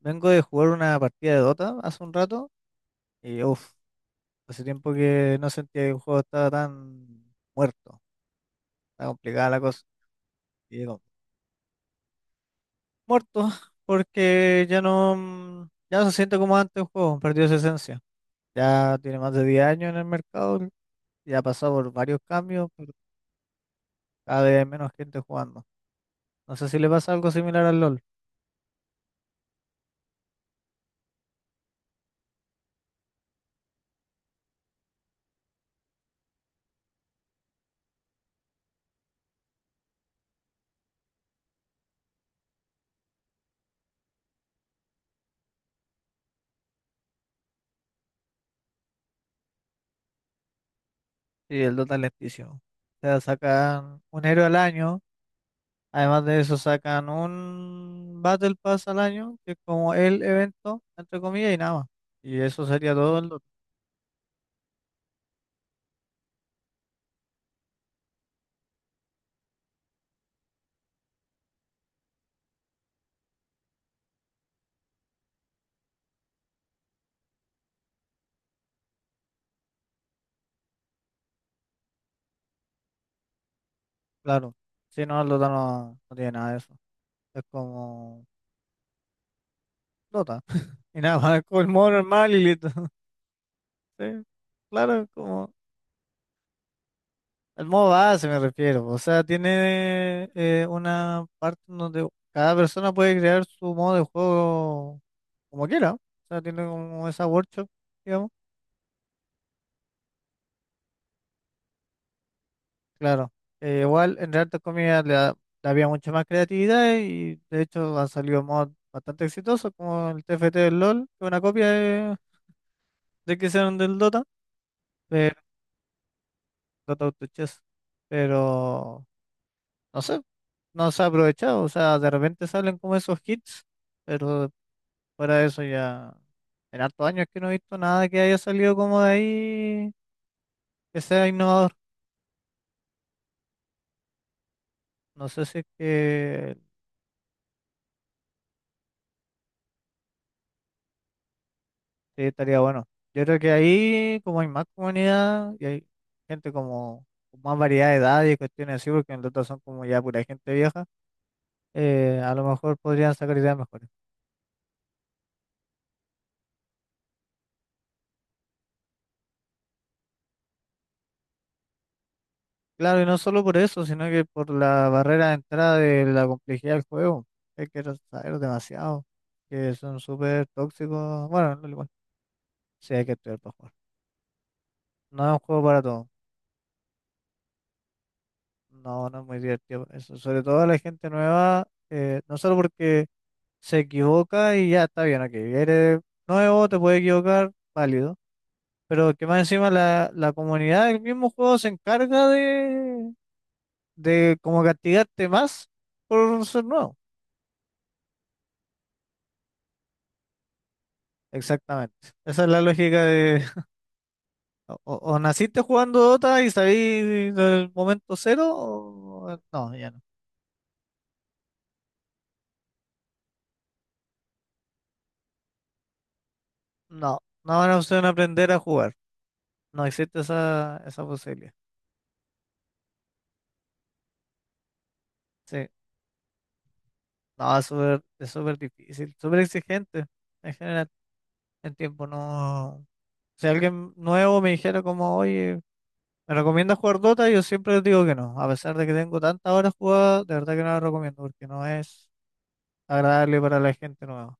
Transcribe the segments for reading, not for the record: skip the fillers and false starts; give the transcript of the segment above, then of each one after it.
Vengo de jugar una partida de Dota hace un rato y uff, hace tiempo que no sentía que el juego estaba tan muerto, tan complicada la cosa. Y digo, muerto, porque ya no, ya no se siente como antes el juego, perdió su esencia. Ya tiene más de 10 años en el mercado, ya ha pasado por varios cambios, pero cada vez hay menos gente jugando. No sé si le pasa algo similar al LOL. Sí, el Dota es lentísimo. O sea, sacan un héroe al año. Además de eso, sacan un Battle Pass al año, que es como el evento, entre comillas, y nada más. Y eso sería todo el Dota, claro. Si no, el Dota no, no tiene nada de eso. Es como Dota. Y nada más, es como el modo normal y listo. Sí, claro, es como el modo base me refiero. O sea, tiene una parte en donde cada persona puede crear su modo de juego como quiera. O sea, tiene como esa workshop, digamos. Claro, igual en Real Comida le, da- le había mucha más creatividad y de hecho han salido mods bastante exitosos como el TFT del LOL, que es una copia de que hicieron del Dota, pero Dota Auto Chess. Pero no sé, no se ha aprovechado, o sea, de repente salen como esos hits, pero fuera de eso ya en hartos años que no he visto nada que haya salido como de ahí que sea innovador. No sé si es que Sí, estaría bueno. Yo creo que ahí, como hay más comunidad y hay gente como con más variedad de edades y cuestiones así, porque en el otro son como ya pura gente vieja, a lo mejor podrían sacar ideas mejores. Claro, y no solo por eso, sino que por la barrera de entrada de la complejidad del juego. Hay que saber demasiado, que son súper tóxicos. Bueno, no igual. Sí, hay que estudiar para jugar. No es un juego para todos. No, no es muy divertido. Eso, sobre todo a la gente nueva, no solo porque se equivoca y ya está bien, ok. Eres nuevo, te puede equivocar, válido. Pero que más encima la comunidad del mismo juego se encarga de como castigarte más por ser nuevo. Exactamente. Esa es la lógica de o naciste jugando Dota y salí del momento cero, o no, ya no. No, no van a opción aprender a jugar. No existe esa, esa posibilidad. Sí. No, es súper difícil, súper exigente en general, en tiempo no. Si alguien nuevo me dijera como, oye, ¿me recomiendas jugar Dota? Yo siempre les digo que no. A pesar de que tengo tantas horas jugadas, de verdad que no lo recomiendo porque no es agradable para la gente nueva.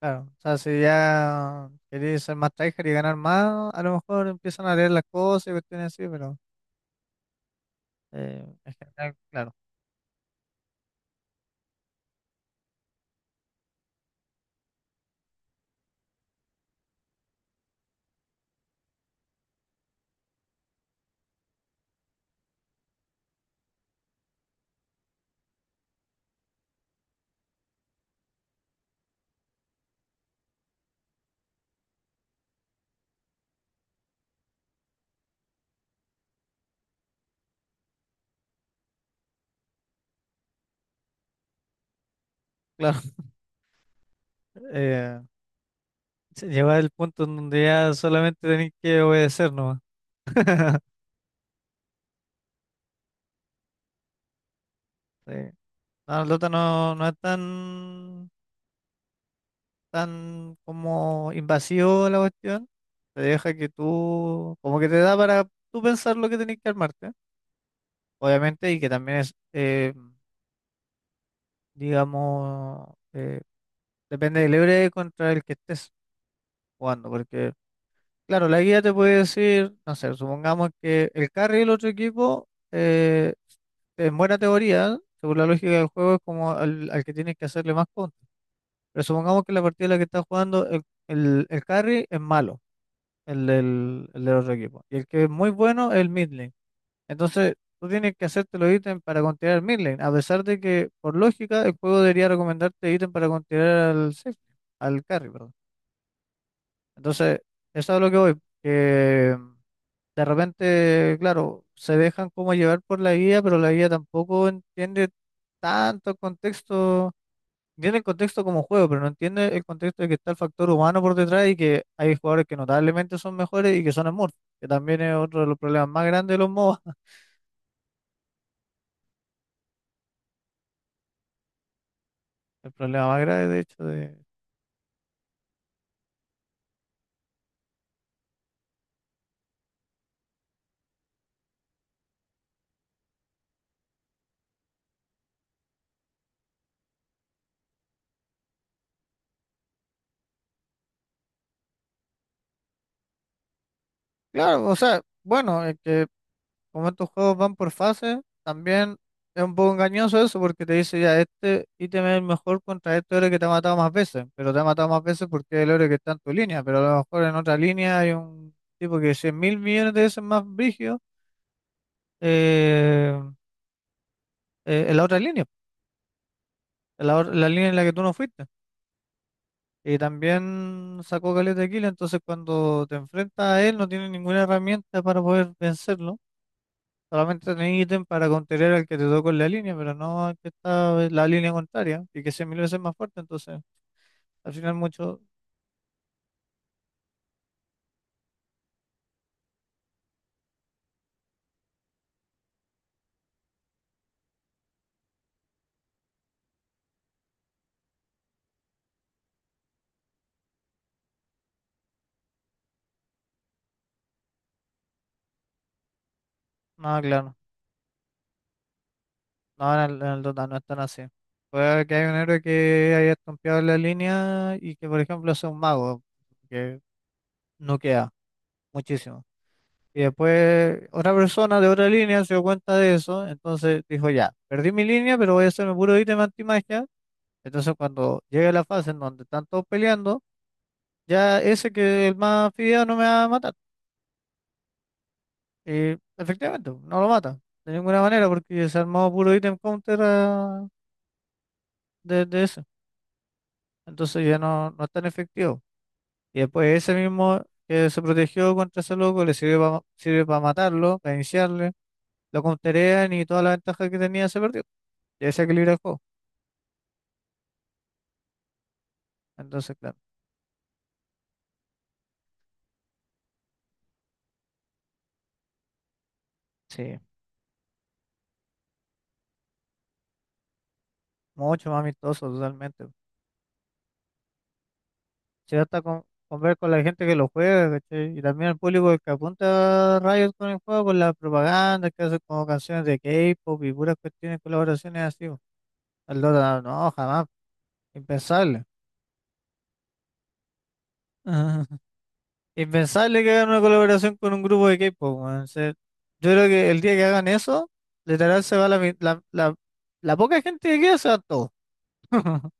Claro, o sea, si ya queréis ser más tryhard y ganar más, a lo mejor empiezan a leer las cosas y cuestiones así, pero en general, claro, claro. Eh, se lleva el punto en donde ya solamente tenéis que obedecer nomás. Sí. No, el Dota no, no es tan tan como invasivo la cuestión, te deja que tú, como que te da para tú pensar lo que tenés que armarte, obviamente, y que también es, digamos, depende del héroe contra el que estés jugando, porque, claro, la guía te puede decir, no sé, supongamos que el carry del otro equipo, en buena teoría, según la lógica del juego, es como al, al que tienes que hacerle más contra. Pero supongamos que la partida en la que estás jugando, el carry es malo, el del otro equipo. Y el que es muy bueno es el mid lane. Entonces, tú tienes que hacerte los ítems para continuar el mid lane, a pesar de que, por lógica, el juego debería recomendarte ítems para continuar al safe, al carry, perdón. Entonces, eso es a lo que voy. Que de repente, claro, se dejan como llevar por la guía, pero la guía tampoco entiende tanto el contexto. Entiende el contexto como juego, pero no entiende el contexto de que está el factor humano por detrás y que hay jugadores que notablemente son mejores y que son smurfs, que también es otro de los problemas más grandes de los MOBA, el problema más grave de hecho de... Claro, o sea, bueno, es que como estos juegos van por fases, también es un poco engañoso eso porque te dice ya, este ítem es el mejor contra este héroe que te ha matado más veces, pero te ha matado más veces porque es el héroe que está en tu línea, pero a lo mejor en otra línea hay un tipo que es 100 mil millones de veces más brígido eh, en la otra línea. La, or- la línea en la que tú no fuiste. Y también sacó caleta de kill, entonces cuando te enfrentas a él no tienes ninguna herramienta para poder vencerlo. Solamente tenés ítem para contener al que te tocó en la línea, pero no al que está en la línea contraria y que sea mil veces más fuerte. Entonces, al final mucho, nada claro. No, en el Dota no es tan así. Puede que haya un héroe que haya estompeado en la línea y que, por ejemplo, sea un mago, que no queda muchísimo. Y después otra persona de otra línea se dio cuenta de eso, entonces dijo, ya, perdí mi línea, pero voy a hacerme puro ítem antimagia. Entonces cuando llegue la fase en donde están todos peleando, ya ese que el más fideo no me va a matar. Y efectivamente, no lo mata, de ninguna manera, porque se armó puro ítem counter ah, de ese. Entonces ya no, no es tan efectivo. Y después ese mismo que se protegió contra ese loco le sirve para sirve para matarlo, para iniciarle, lo counterean y toda la ventaja que tenía se perdió. Ya se equilibra el juego. Entonces, claro, sí, mucho más amistoso totalmente. Se hasta con ver con la gente que lo juega, ¿cachai? Y también el público que apunta a Riot con el juego, con la propaganda que hace como canciones de K-pop y puras cuestiones, colaboraciones así, po. El Dota, no, jamás, impensable. Ah, impensable que hagan una colaboración con un grupo de K-pop, weón. O sea, yo creo que el día que hagan eso, literal se va la, mi- la poca gente que queda, se va todo.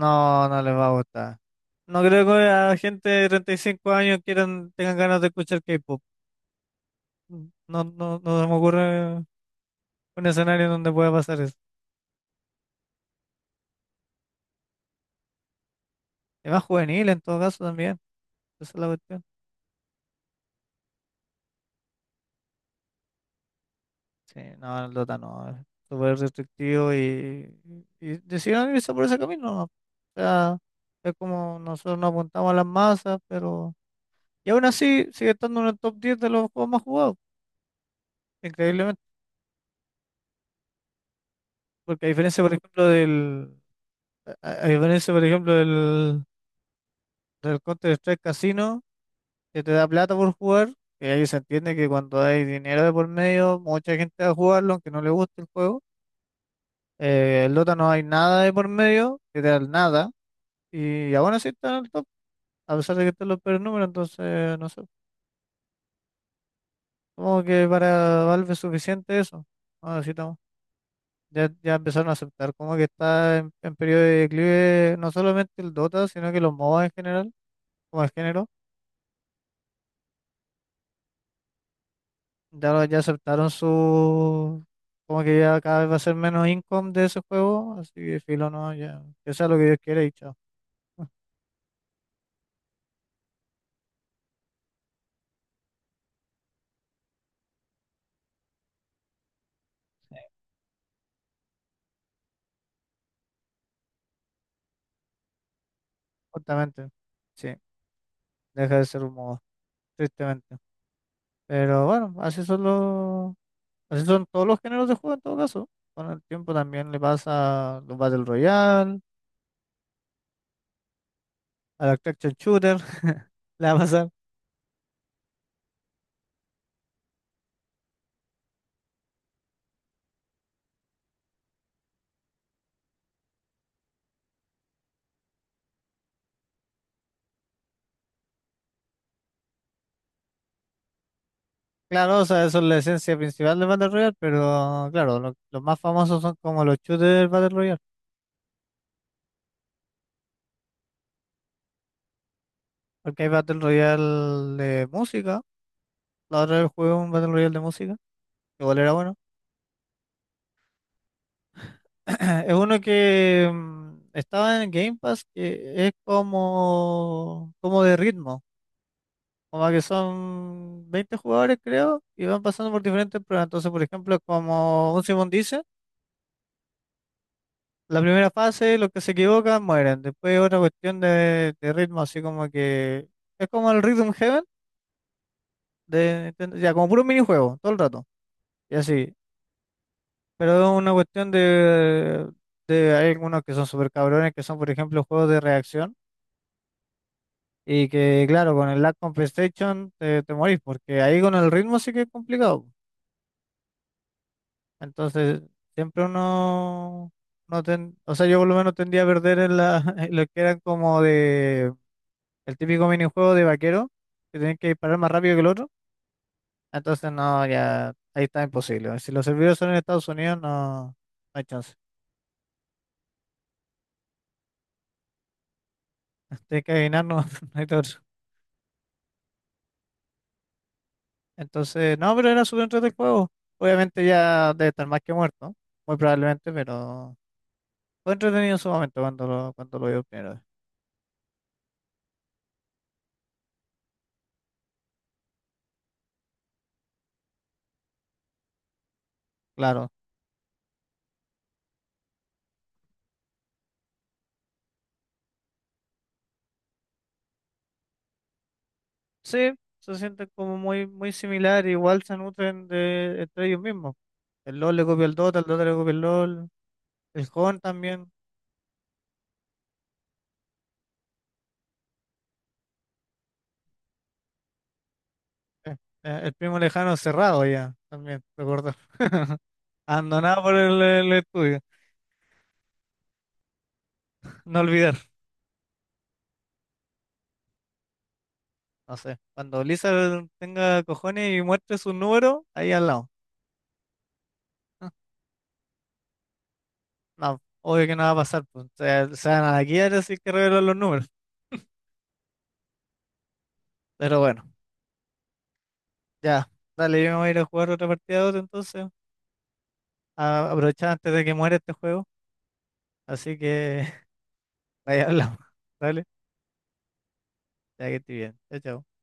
No, no les va a gustar. No creo que a gente de 35 años quieran, tengan ganas de escuchar K-pop. No, no, no se me ocurre un escenario en donde pueda pasar eso. Es más juvenil en todo caso también. Esa es la cuestión. Sí, no, el Dota no. Es súper restrictivo y decidieron irse por ese camino, ¿no? O sea, es como nosotros nos apuntamos a las masas, pero... Y aún así sigue estando en el top 10 de los juegos más jugados. Increíblemente. Porque a diferencia, por ejemplo, del... A a diferencia, por ejemplo, del... Del Counter-Strike Casino que te da plata por jugar, que ahí se entiende que cuando hay dinero de por medio, mucha gente va a jugarlo, aunque no le guste el juego. El Dota no hay nada de por medio, que te da el nada, y aún así está en el top, a pesar de que están los peores números, entonces no sé. Como que para Valve es suficiente eso. No necesitamos. Ya, ya empezaron a aceptar como que está en periodo de declive no solamente el Dota, sino que los MOBA en general, como el género. Ya, lo- ya aceptaron su... Como que ya cada vez va a ser menos income de ese juego, así que filo, no, ya. Que sea lo que Dios quiera y chao. Justamente. Sí, deja de ser un modo, tristemente. Pero bueno, así son los, así son todos los géneros de juego en todo caso. Con el tiempo también le pasa a los Battle Royale, a la Action Shooter, le va a pasar. Claro, o sea, eso es la esencia principal de Battle Royale, pero claro, lo- los más famosos son como los shooters Battle Royale. Porque hay Battle Royale de música. La otra vez jugué un Battle Royale de música. Igual era bueno. Es uno que estaba en Game Pass, que es como, como de ritmo. Como que son 20 jugadores, creo, y van pasando por diferentes pruebas. Entonces, por ejemplo, como un Simón dice, la primera fase, los que se equivocan mueren. Después otra cuestión de ritmo, así como que es como el Rhythm Heaven, de Nintendo, ya como puro minijuego, todo el rato. Y así. Pero es una cuestión de hay algunos que son súper cabrones, que son, por ejemplo, juegos de reacción. Y que, claro, con el lag con PlayStation te, te morís, porque ahí con el ritmo sí que es complicado. Entonces, siempre uno, no ten, o sea, yo por lo menos tendía a perder en la, en lo que eran como de, el típico minijuego de vaquero, que tenés que disparar más rápido que el otro. Entonces, no, ya, ahí está imposible. Si los servidores son en Estados Unidos, no, no hay chance. Tienes que adivinar, no, no hay todo. Entonces, no, pero era súper entretenido el juego. Obviamente ya debe estar más que muerto, muy probablemente, pero fue entretenido en su momento cuando lo vi por primera vez. Claro. Sí, se sienten como muy, muy similar, igual se nutren de, entre ellos mismos. El LOL le copia el Dota le copia el LOL, el Jon también, eh, el primo lejano cerrado ya, también, recuerdo. Abandonado por el estudio, no olvidar, no sé. Cuando Lisa tenga cojones y muestre su número, ahí al lado. No, obvio que no va a pasar, pues. O sea, se van a la quiebra si es que revelan los números. Pero bueno, ya. Dale, yo me voy a ir a jugar otra partida de otro entonces. A aprovechar antes de que muera este juego. Así que ahí hablamos. Dale, ya que estoy bien. Chao, chao.